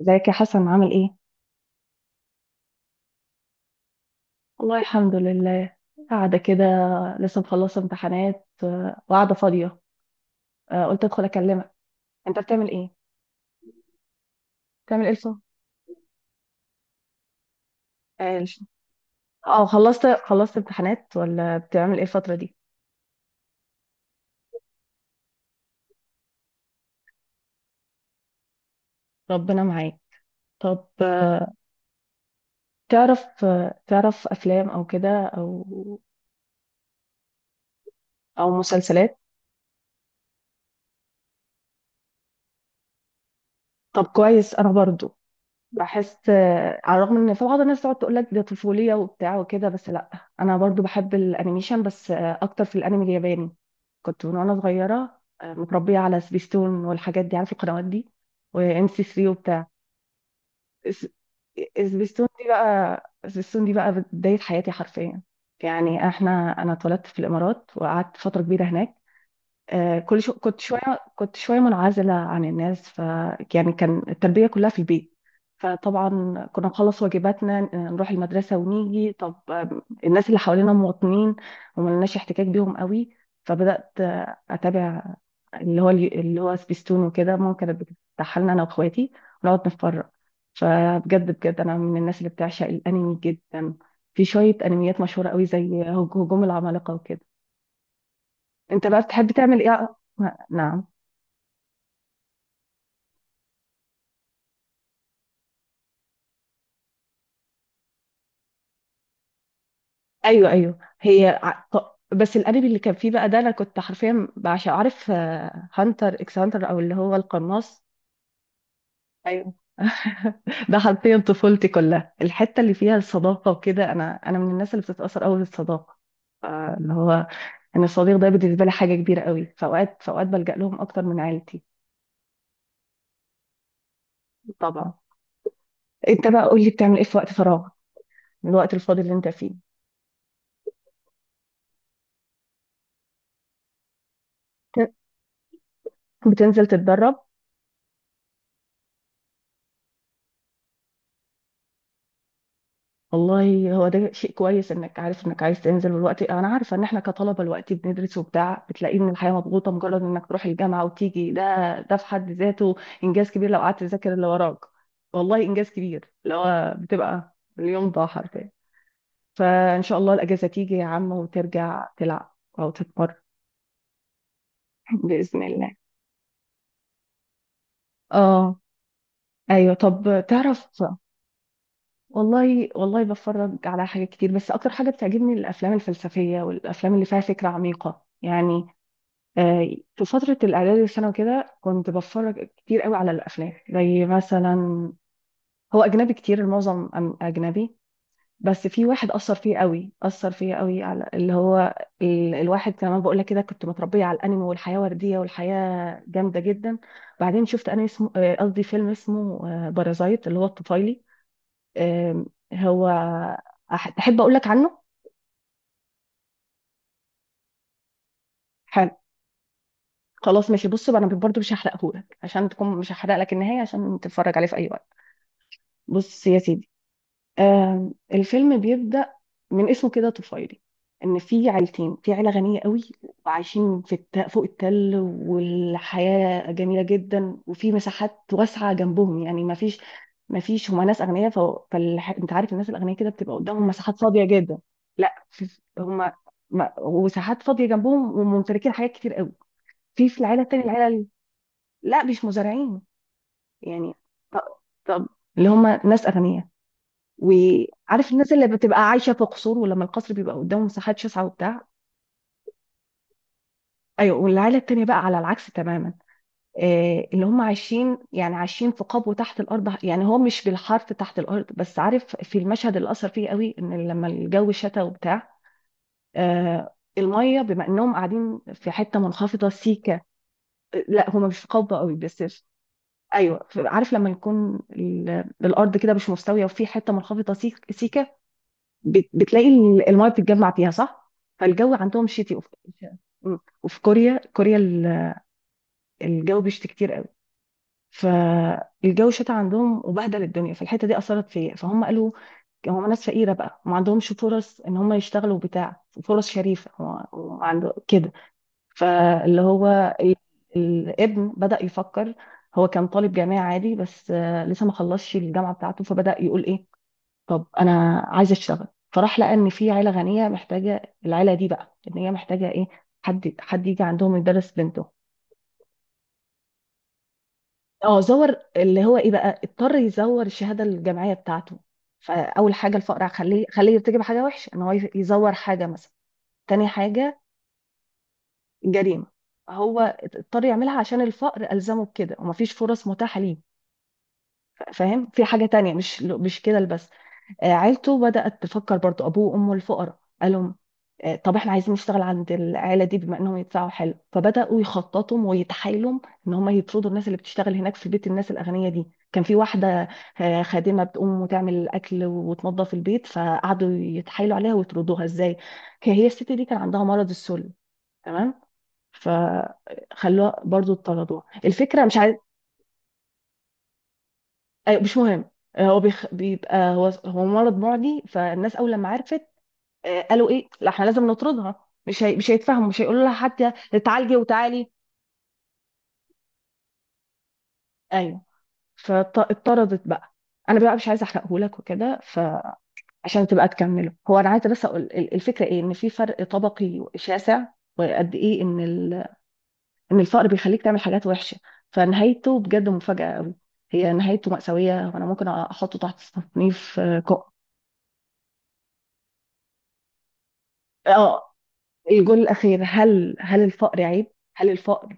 ازيك يا حسن عامل ايه؟ والله الحمد لله. قاعدة كده. لسه مخلصة امتحانات، وقاعدة فاضية. قلت ادخل اكلمك. انت بتعمل ايه؟ بتعمل ايه الصبح؟ اه الش- خلصت امتحانات، ولا بتعمل ايه الفترة دي؟ ربنا معاك. طب تعرف افلام او كده، او مسلسلات؟ طب كويس. انا برضو بحس، على الرغم ان في بعض الناس تقعد تقول لك ده طفوليه وبتاع وكده، بس لا، انا برضو بحب الانيميشن، بس اكتر في الانمي الياباني. كنت من وانا صغيره، متربيه على سبيستون والحاجات دي، عارفه القنوات دي، وام سي 3 وبتاع. اس- سبيستون دي بقى سبيستون دي بقى بدايه حياتي حرفيا. يعني انا اتولدت في الامارات وقعدت فتره كبيره هناك. كل شو كنت شوية منعزلة عن الناس، يعني كان التربية كلها في البيت. فطبعا كنا نخلص واجباتنا، نروح المدرسة ونيجي. طب الناس اللي حوالينا مواطنين، وما لناش احتكاك بيهم قوي. فبدأت أتابع اللي هو سبيستون وكده. ماما كانت بتفتحها لنا أنا وأخواتي ونقعد نتفرج. فبجد بجد أنا من الناس اللي بتعشق الأنمي جدا. في شوية أنميات مشهورة قوي زي هجوم العمالقة وكده. أنت بقى بتحب تعمل إيه؟ نعم؟ ايوه ايوه هي بس الانمي اللي كان فيه بقى ده انا كنت حرفيا، عشان عارف، هانتر اكس هانتر، او اللي هو القناص. ايوه ده حرفيا طفولتي كلها. الحته اللي فيها الصداقه وكده، انا من الناس اللي بتتاثر قوي بالصداقه. آه، اللي هو ان الصديق ده بالنسبه لي حاجه كبيره قوي. فاوقات بلجأ لهم اكتر من عيلتي. طبعا. انت بقى قول لي بتعمل ايه في وقت فراغك، من الوقت الفاضي اللي انت فيه. بت- بتنزل تتدرب؟ والله هو ده شيء كويس انك عارف انك عايز تنزل. والوقت، انا عارفه ان احنا كطلبه الوقت بندرس وبتاع، بتلاقي ان الحياه مضغوطه، مجرد انك تروح الجامعه وتيجي ده، ده في حد ذاته انجاز كبير. لو قعدت تذاكر اللي وراك، والله انجاز كبير. اللي هو بتبقى اليوم ضاع حرفيا. فان شاء الله الاجازه تيجي يا عم وترجع تلعب او تتمرن. باذن الله. اه. ايوه طب تعرف، والله والله بتفرج على حاجات كتير، بس اكتر حاجه بتعجبني الافلام الفلسفيه والافلام اللي فيها فكره عميقه يعني. في فترة الإعدادي والثانوي كده كنت بتفرج كتير قوي على الأفلام زي مثلا، هو أجنبي كتير، المعظم أجنبي. بس في واحد أثر فيه قوي على الواحد كمان، بقول لك كده كنت متربية على الأنمي والحياة وردية والحياة جامدة جدا. بعدين شفت أنمي اسمه، قصدي فيلم اسمه بارازايت، اللي هو الطفيلي. آم، هو تحب أقول لك عنه؟ حلو، خلاص ماشي. بص بقى، انا برضه مش هحرقهولك، عشان تكون مش هحرق لك النهايه، عشان تتفرج عليه في اي وقت. بص يا سيدي، الفيلم بيبدأ من اسمه كده، طفيلي. ان في عيلتين، في عيله غنيه قوي وعايشين في فوق التل، والحياه جميله جدا، وفي مساحات واسعه جنبهم، يعني ما فيش هما ناس اغنياء. انت عارف الناس الاغنياء كده بتبقى قدامهم مساحات فاضيه جدا. لا هما ما... وساحات فاضيه جنبهم وممتلكين حاجات كتير قوي. في العيله التانيه، لا مش مزارعين، يعني طب، طب، اللي هما ناس اغنياء، وعارف الناس اللي بتبقى عايشه في قصور، ولما القصر بيبقى قدامه مساحات شاسعه وبتاع. ايوه والعيله التانيه بقى على العكس تماما، اللي هم عايشين في قبو تحت الارض. يعني هو مش بالحرف تحت الارض، بس عارف في المشهد اللي اثر فيه قوي، ان لما الجو شتا وبتاع، الميه بما انهم قاعدين في حته منخفضه سيكه. لا هم مش في قبو قوي، بس ايوه، عارف لما يكون الارض كده مش مستويه، وفي حته منخفضه سيكه، بتلاقي المايه بتتجمع فيها، صح؟ فالجو عندهم شتي. مم. وفي كوريا، كوريا الجو بيشتي كتير قوي. فالجو شتى عندهم وبهدل الدنيا، فالحته دي اثرت فيا. فهم قالوا، هم ناس فقيره بقى وما عندهمش فرص ان هم يشتغلوا بتاع فرص شريفه، هو عنده كده. فاللي هو ال- الابن بدأ يفكر. هو كان طالب جامعي عادي، بس لسه ما خلصش الجامعه بتاعته، فبدأ يقول ايه، طب انا عايزه اشتغل. فراح لقى ان في عيله غنيه محتاجه، العيله دي بقى، ان هي محتاجه ايه؟ حد يجي عندهم يدرس بنته. اه زور، اللي هو ايه بقى، اضطر يزور الشهاده الجامعيه بتاعته. فاول حاجه، الفقر خليه يرتكب حاجه وحشه، ان هو يزور حاجه مثلا. تاني حاجه، جريمه. هو اضطر يعملها عشان الفقر ألزمه بكده، ومفيش فرص متاحة ليه. فاهم؟ في حاجة تانية، مش كده بس. عيلته بدأت تفكر برضو. أبوه وأمه الفقراء قالوا، طب احنا عايزين نشتغل عند العيلة دي بما انهم يدفعوا حلو. فبدأوا يخططوا ويتحايلوا ان هم يطردوا الناس اللي بتشتغل هناك. في بيت الناس الأغنياء دي كان في واحدة، خادمة، بتقوم وتعمل الأكل وتنظف البيت. فقعدوا يتحايلوا عليها ويطردوها. ازاي؟ هي الست دي كان عندها مرض السل. تمام؟ فخلوها برضو، طردوها. الفكرة مش عايز. أيوة، مش مهم. هو بيبقى، هو مرض معدي. فالناس اول لما عرفت، قالوا ايه، لا احنا لازم نطردها. مش هيتفهموا، مش هيقولوا لها حتى اتعالجي وتعالي. ايوه، فاتطردت بقى. انا بقى مش عايزه احرقه لك وكده، فعشان تبقى تكمله هو. انا عايزه بس اقول الفكره ايه، ان في فرق طبقي شاسع، وقد ايه ان الفقر بيخليك تعمل حاجات وحشه. فنهايته بجد مفاجاه قوي. هي نهايته مأساوية، وأنا ممكن أحطه تحت تصنيف اه. الجول الأخير، هل الفقر عيب؟ هل الفقر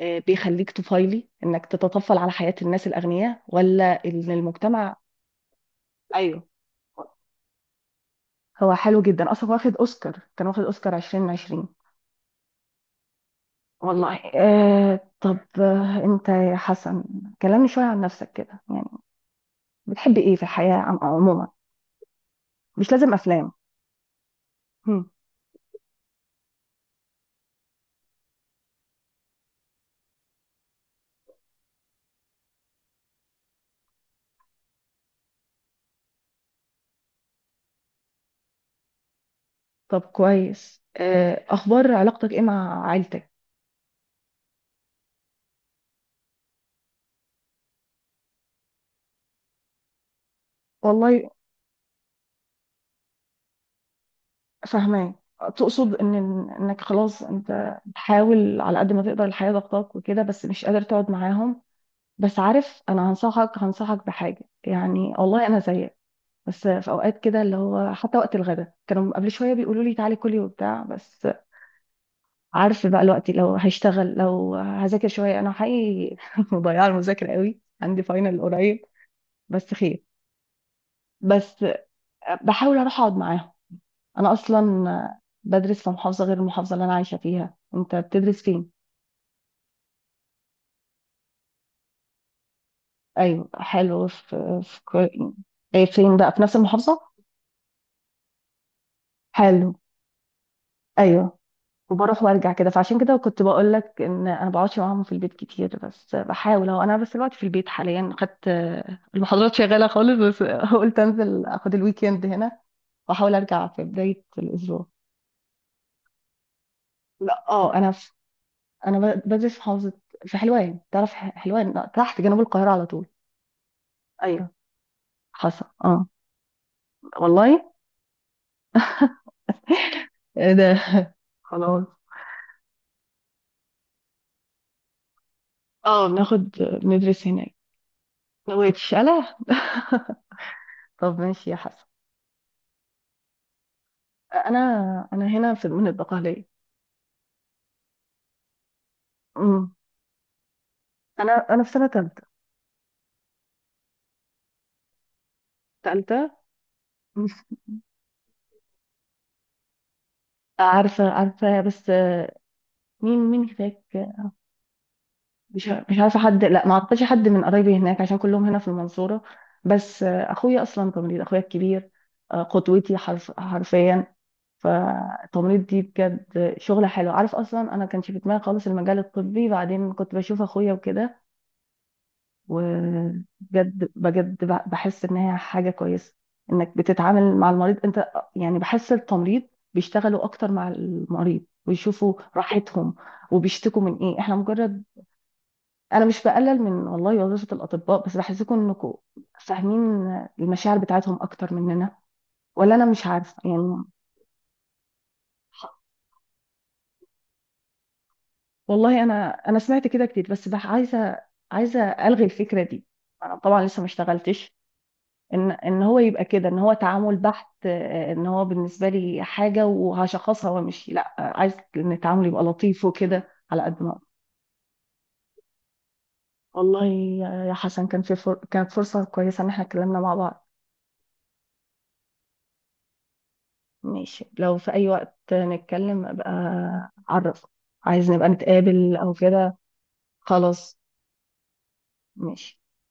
بيخليك طفيلي انك تتطفل على حياة الناس الاغنياء، ولا ان المجتمع؟ ايوه. هو حلو جدا اصلا. واخد اوسكار 2020. والله. طب انت يا حسن، كلمني شوية عن نفسك كده يعني. بتحب ايه في الحياة عموما؟ مش لازم افلام. هم. طب كويس. اخبار علاقتك ايه مع عيلتك؟ والله فاهمة. تقصد انك خلاص انت بتحاول على قد ما تقدر، الحياة ضغطاك وكده، بس مش قادر تقعد معاهم. بس عارف، انا هنصحك بحاجه يعني، والله انا زيك. بس في اوقات كده، اللي هو حتى وقت الغداء كانوا قبل شويه بيقولوا لي تعالي كلي وبتاع، بس عارف بقى، الوقت لو هشتغل، لو هذاكر شويه، انا حقيقي مضيعه، المذاكره قوي، عندي فاينل قريب. بس خير، بس بحاول اروح اقعد معاهم. انا اصلا بدرس في محافظه غير المحافظه اللي انا عايشه فيها. انت بتدرس فين؟ ايوه حلو. إيه، فين بقى، في نفس المحافظه؟ حلو. ايوه، وبروح وارجع كده، فعشان كده كنت بقول لك ان انا بقعدش معاهم في البيت كتير. بس بحاول اهو، انا بس دلوقتي في البيت حاليا، خدت المحاضرات شغاله خالص، بس قلت انزل اخد الويكند هنا واحاول ارجع في بدايه الاسبوع. لا اه، انا في انا ب- بدرس في محافظه، في حلوان. تعرف حلوان؟ تحت، جنوب القاهره على طول. ايوه، حصل، اه والله. إيه ده خلاص. اه، بندرس هناك. وتشاله. طب ماشي يا حسن. انا هنا في من البقاليه. امم انا في سنه ثالثه. تالتة بس. عارفه عارفه، بس مين هناك؟ مش عارفه حد، لا، ما اعرفش حد من قرايبي هناك، عشان كلهم هنا في المنصوره. بس اخويا اصلا تمريض، اخويا الكبير، قدوتي حرفيا. فالتمريض دي بجد شغله حلوه. عارف اصلا انا كانش في دماغي خالص المجال الطبي، بعدين كنت بشوف اخويا وكده، وبجد بجد بحس ان هي حاجه كويسه، انك بتتعامل مع المريض. انت يعني، بحس التمريض بيشتغلوا اكتر مع المريض ويشوفوا راحتهم، وبيشتكوا من ايه. احنا مجرد، انا مش بقلل من والله وظيفه الاطباء، بس بحسكم انكم فاهمين المشاعر بتاعتهم اكتر مننا. ولا انا مش عارفه يعني. والله انا سمعت كده كتير، بس عايزه الغي الفكره دي. انا طبعا لسه ما اشتغلتش. ان هو يبقى كده، ان هو تعامل بحت، ان هو بالنسبه لي حاجه وهشخصها وامشي، لا، عايز ان التعامل يبقى لطيف وكده، على قد ما أقدر. والله يا حسن، كان كانت فرصه كويسه ان احنا اتكلمنا مع بعض. ماشي، لو في اي وقت نتكلم، ابقى اعرف، عايز نبقى نتقابل او كده. خلاص ماشي.